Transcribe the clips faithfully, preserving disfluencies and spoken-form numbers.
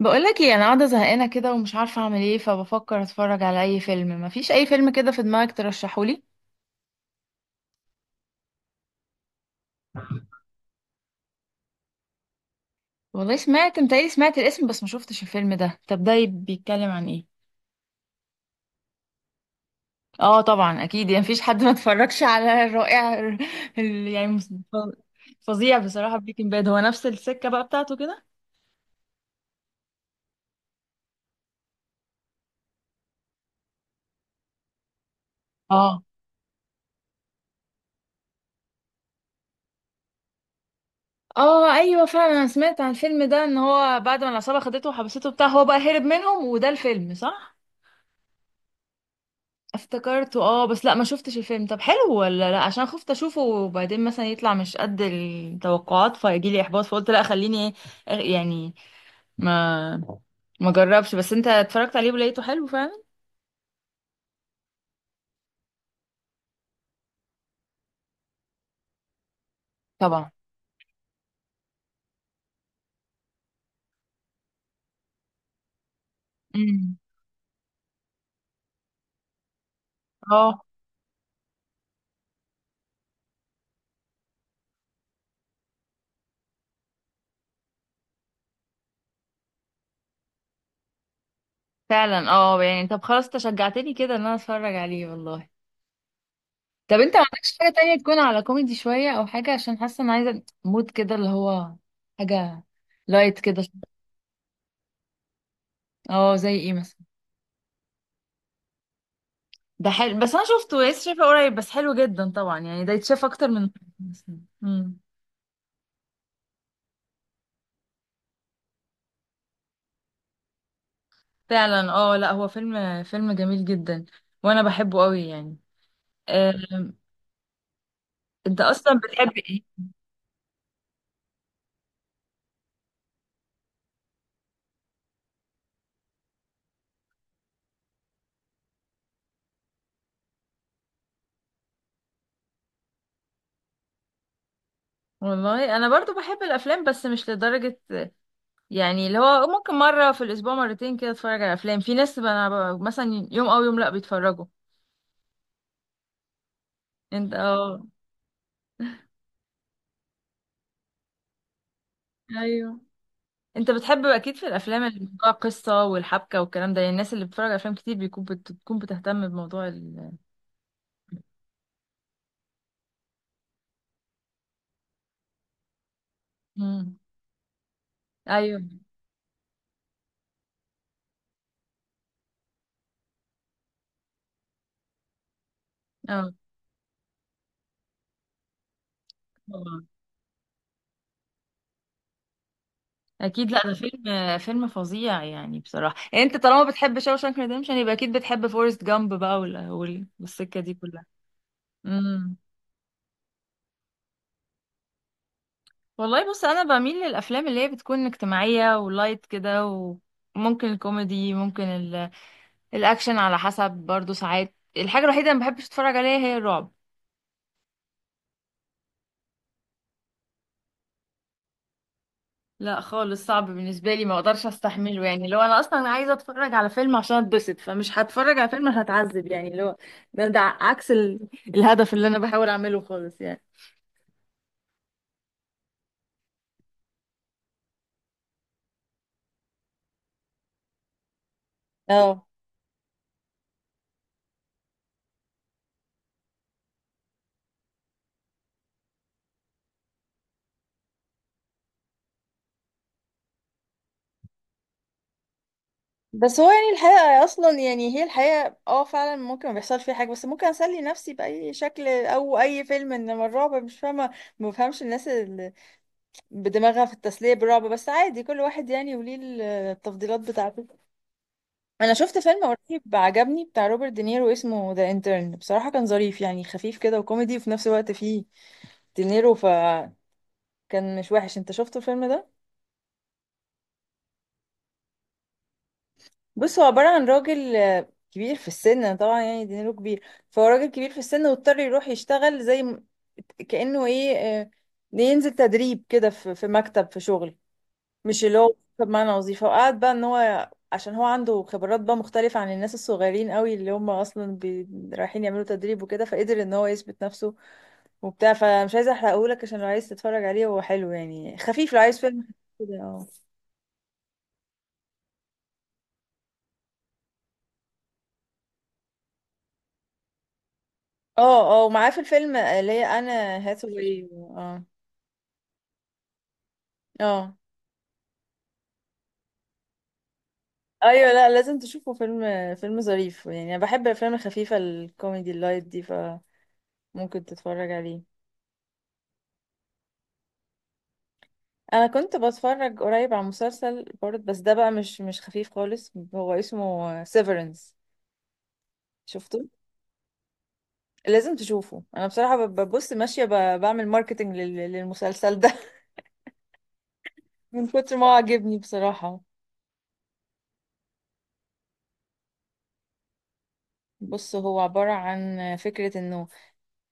بقولك ايه، انا قاعده زهقانه كده ومش عارفه اعمل ايه، فبفكر اتفرج على اي فيلم. مفيش اي فيلم كده في دماغك ترشحولي؟ والله سمعت، متهيألي سمعت الاسم بس ما شفتش الفيلم ده. طب ده بيتكلم عن ايه؟ اه طبعا اكيد، يعني مفيش حد ما اتفرجش على الرائع ال- ال- يعني مس- فظيع بصراحه، بريكنج باد هو نفس السكه بقى بتاعته كده. اه، اه، ايوه فعلا، انا سمعت عن الفيلم ده ان هو بعد ما العصابه خدته وحبسته بتاع، هو بقى هرب منهم وده الفيلم صح؟ افتكرته اه، بس لا، ما شفتش الفيلم. طب حلو ولا لا؟ عشان خفت اشوفه وبعدين مثلا يطلع مش قد التوقعات فيجي لي احباط. فقلت لا خليني، أغ- يعني ما ما جربش. بس انت اتفرجت عليه ولقيته حلو فعلا؟ طبعا. امم. اه فعلا، اه يعني طب خلاص، انت شجعتني كده ان انا اتفرج عليه والله. طب انت ما عندكش حاجة تانية تكون على كوميدي شوية، او حاجة عشان حاسة ان عايزة مود كده اللي هو حاجة لايت كده. اه زي ايه مثلا؟ ده حلو، بس انا شفته لسه، شايفه قريب، بس حلو جدا طبعا يعني، ده يتشاف اكتر من... امم. فعلا اه، لا هو فيلم فيلم جميل جدا، وانا بحبه قوي يعني. آه، انت اصلا بتحب ايه؟ والله انا برضو بحب الافلام بس مش لدرجه، يعني اللي هو ممكن مره في الاسبوع مرتين كده اتفرج على افلام. في ناس بقى- انا ب- مثلا يوم او يوم لا بيتفرجوا. انت اه، ايوه، انت بتحب اكيد في الافلام اللي فيها قصه والحبكه والكلام ده، يعني الناس اللي بتتفرج على افلام كتير بيكون بت- بتكون بتهتم بموضوع ال... مم. ايوه اه، طبعا اكيد، لا ده فيلم فيلم فظيع يعني بصراحه. يعني انت طالما بتحب شاوشانك ريديمشن يبقى اكيد بتحب فورست جامب بقى وال- وال- والسكه دي كلها. امم. والله بص، انا بميل للافلام اللي هي بتكون اجتماعيه ولايت كده، وممكن الكوميدي، ممكن ال... الاكشن على حسب، برضو ساعات الحاجه الوحيده اللي ما بحبش اتفرج عليها هي الرعب. لا خالص، صعب بالنسبة لي، ما اقدرش استحمله. يعني لو انا اصلا عايزة اتفرج على فيلم عشان اتبسط فمش هتفرج على فيلم هتعذب، يعني اللي هو ده, ده عكس ال... الهدف اللي انا بحاول اعمله خالص يعني. اه بس هو يعني الحقيقة اصلا، يعني هي الحقيقة، اه فعلا ممكن ما بيحصل فيها حاجة، بس ممكن اسلي نفسي بأي شكل او اي فيلم. انما الرعب مش فاهمة، ما بفهمش الناس اللي بدماغها في التسلية بالرعب، بس عادي كل واحد يعني، وليه التفضيلات بتاعته. انا شفت فيلم قريب عجبني بتاع روبرت دينيرو، اسمه ذا انترن. بصراحة كان ظريف يعني، خفيف كده وكوميدي، وفي نفس الوقت فيه دينيرو، فكان مش وحش. انت شفته الفيلم ده؟ بص، هو عبارة عن راجل آه، كبير في السن. طبعا يعني دينيرو كبير، فهو راجل كبير في السن، واضطر يروح يشتغل زي م- كأنه ايه، آه، ينزل تدريب كده في في مكتب في شغل، مش اللي هو بمعنى وظيفة. وقعد بقى ان هو عشان هو عنده خبرات بقى مختلفة عن الناس الصغيرين قوي اللي هم اصلا بي... رايحين يعملوا تدريب. وكده فقدر ان هو يثبت نفسه وبتاع، فمش عايزة احرقهولك، عشان لو عايز تتفرج عليه هو حلو يعني، خفيف، لو عايز فيلم خفيف كده. اه، اه، اه، ومعاه في الفيلم اللي هي انا هاثاواي اه. اه ايوه، لا لازم تشوفه، فيلم فيلم ظريف يعني، انا بحب الافلام الخفيفة الكوميدي اللايت دي فممكن تتفرج عليه. انا كنت بتفرج قريب على مسلسل برضه، بس ده بقى مش مش خفيف خالص، هو اسمه سيفرنس، شفته؟ لازم تشوفه. انا بصراحة ب- ببص ماشية ب- بعمل ماركتنج لل- للمسلسل ده، من كتر ما هو عجبني بصراحة. بص، هو عبارة عن فكرة انه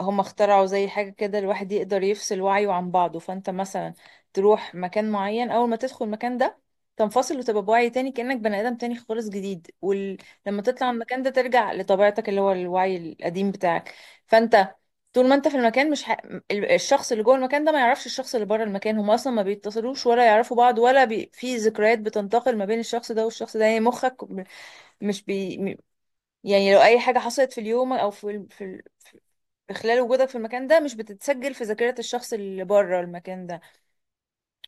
هم اخترعوا زي حاجة كده، الواحد يقدر يفصل وعيه عن بعضه. فانت مثلا تروح مكان معين، اول ما تدخل المكان ده تنفصل وتبقى بوعي تاني كأنك بني آدم تاني خالص جديد. ولما لما تطلع من المكان ده ترجع لطبيعتك اللي هو الوعي القديم بتاعك. فانت طول ما انت في المكان مش ح... ال- الشخص اللي جوه المكان ده ما يعرفش الشخص اللي بره المكان. هم اصلا ما بيتصلوش ولا يعرفوا بعض ولا بي... في ذكريات بتنتقل ما بين الشخص ده والشخص ده، يعني مخك م- مش بي... م- يعني لو اي حاجة حصلت في اليوم او في ال- في ال- خلال وجودك في المكان ده مش بتتسجل في ذاكرة الشخص اللي بره المكان ده.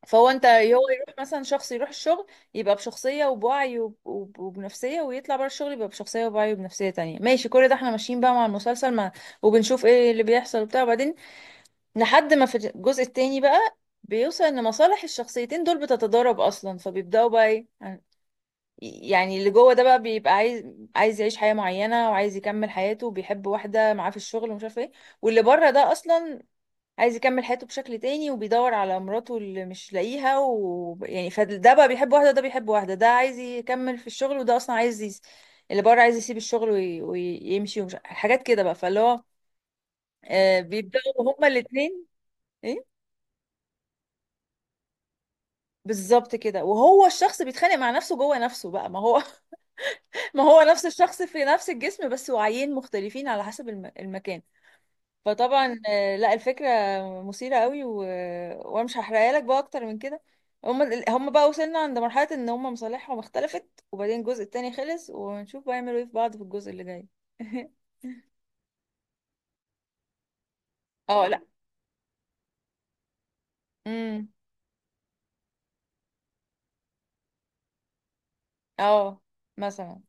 فهو انت هو، يروح مثلا شخص يروح الشغل يبقى بشخصية وبوعي وب- وب- وبنفسية، ويطلع بره الشغل يبقى بشخصية وبوعي وبنفسية تانية. ماشي، كل ده احنا ماشيين بقى مع المسلسل مع، وبنشوف ايه اللي بيحصل وبتاع. وبعدين لحد ما في الجزء التاني بقى بيوصل ان مصالح الشخصيتين دول بتتضارب اصلا، فبيبدأوا بقى ايه، آه، يعني اللي جوه ده بقى بيبقى عايز عايز يعيش حياة معينة، وعايز يكمل حياته وبيحب واحدة معاه في الشغل ومش عارف ايه. واللي بره ده اصلا عايز يكمل حياته بشكل تاني وبيدور على مراته اللي مش لاقيها و... يعني، فده بقى بيحب واحدة وده بيحب واحدة، ده عايز يكمل في الشغل وده أصلا عايز يس... اللي بره عايز يسيب الشغل وي... ويمشي ومش حاجات كده بقى. فاللي هو آه بيبدأوا هما الاتنين. ايه بالظبط كده. وهو الشخص بيتخانق مع نفسه جوه نفسه بقى. ما هو، ما هو نفس الشخص في نفس الجسم بس وعيين مختلفين على حسب الم... المكان. فطبعا آه، لا، الفكرة مثيرة قوي و... وانا مش هحرقها لك بقى اكتر من كده. هم هم بقى وصلنا عند مرحلة ان هم مصالحهم اختلفت. وبعدين الجزء التاني خلص ونشوف بقى يعملوا ايه في بعض في الجزء اللي جاي. اه لا، امم، اه مثلا،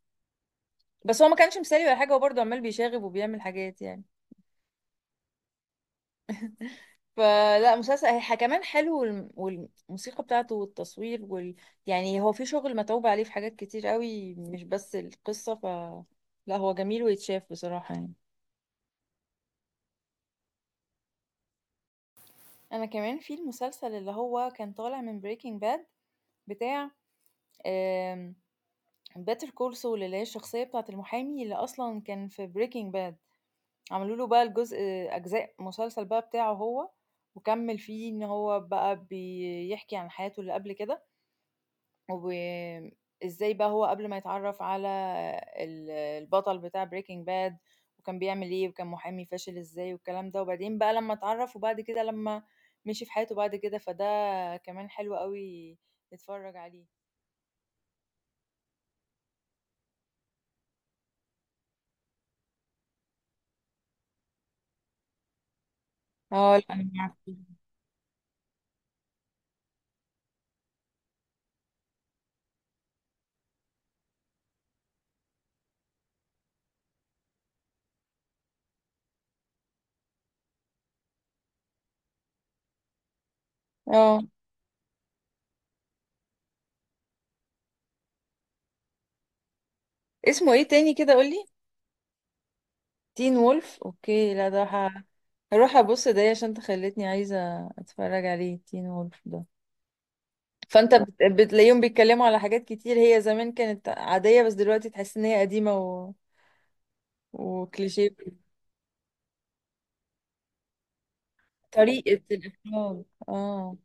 بس هو ما كانش مثالي ولا حاجة، هو برضه عمال بيشاغب وبيعمل حاجات يعني. فلا، مسلسل هي كمان حلو والم- والموسيقى بتاعته والتصوير وال... يعني هو في شغل متعوب عليه في حاجات كتير قوي مش بس القصة. ف لا هو جميل ويتشاف بصراحة يعني. أنا كمان في المسلسل اللي هو كان طالع من Breaking Bad بتاع، آمم Better Call Saul، اللي هي الشخصية بتاعة المحامي اللي أصلًا كان في Breaking Bad، عملوا له بقى الجزء أجزاء مسلسل بقى بتاعه هو، وكمّل فيه إن هو بقى بيحكي عن حياته اللي قبل كده. وآمم، إزاي بقى هو قبل ما يتعرّف على ال البطل بتاع Breaking Bad، وكان بيعمل إيه، وكان محامي فاشل إزاي والكلام ده. وبعدين بقى لمّا اتعرّف وبعد كده لمّا مشي في حياته بعد كده، فده كمان حلو أوي نتفرّج عليه. آه، لأ أنا عارفاه، آه، اسمه إيه تاني كده قُل لي؟ Teen Wolf أوكي، لأ ده ه هاروح أبُص ده عشان أنت خلّيتني عايزة أتفرّج عليه Teen Wolf ده. فانت بت- بتلاقيهم بيتكلموا على حاجات كتير هي زمان كانت عادية بس دلوقتي تحس ان هي قديمة و... وكليشيه. طريقة الإخراج اه،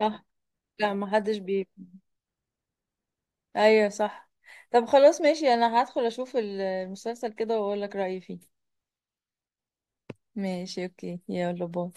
صح، لا ما حدش بي، ايوه صح. طب خلاص ماشي، انا هدخل اشوف المسلسل كده واقول لك رأيي فيه. ماشي اوكي، يلا باي.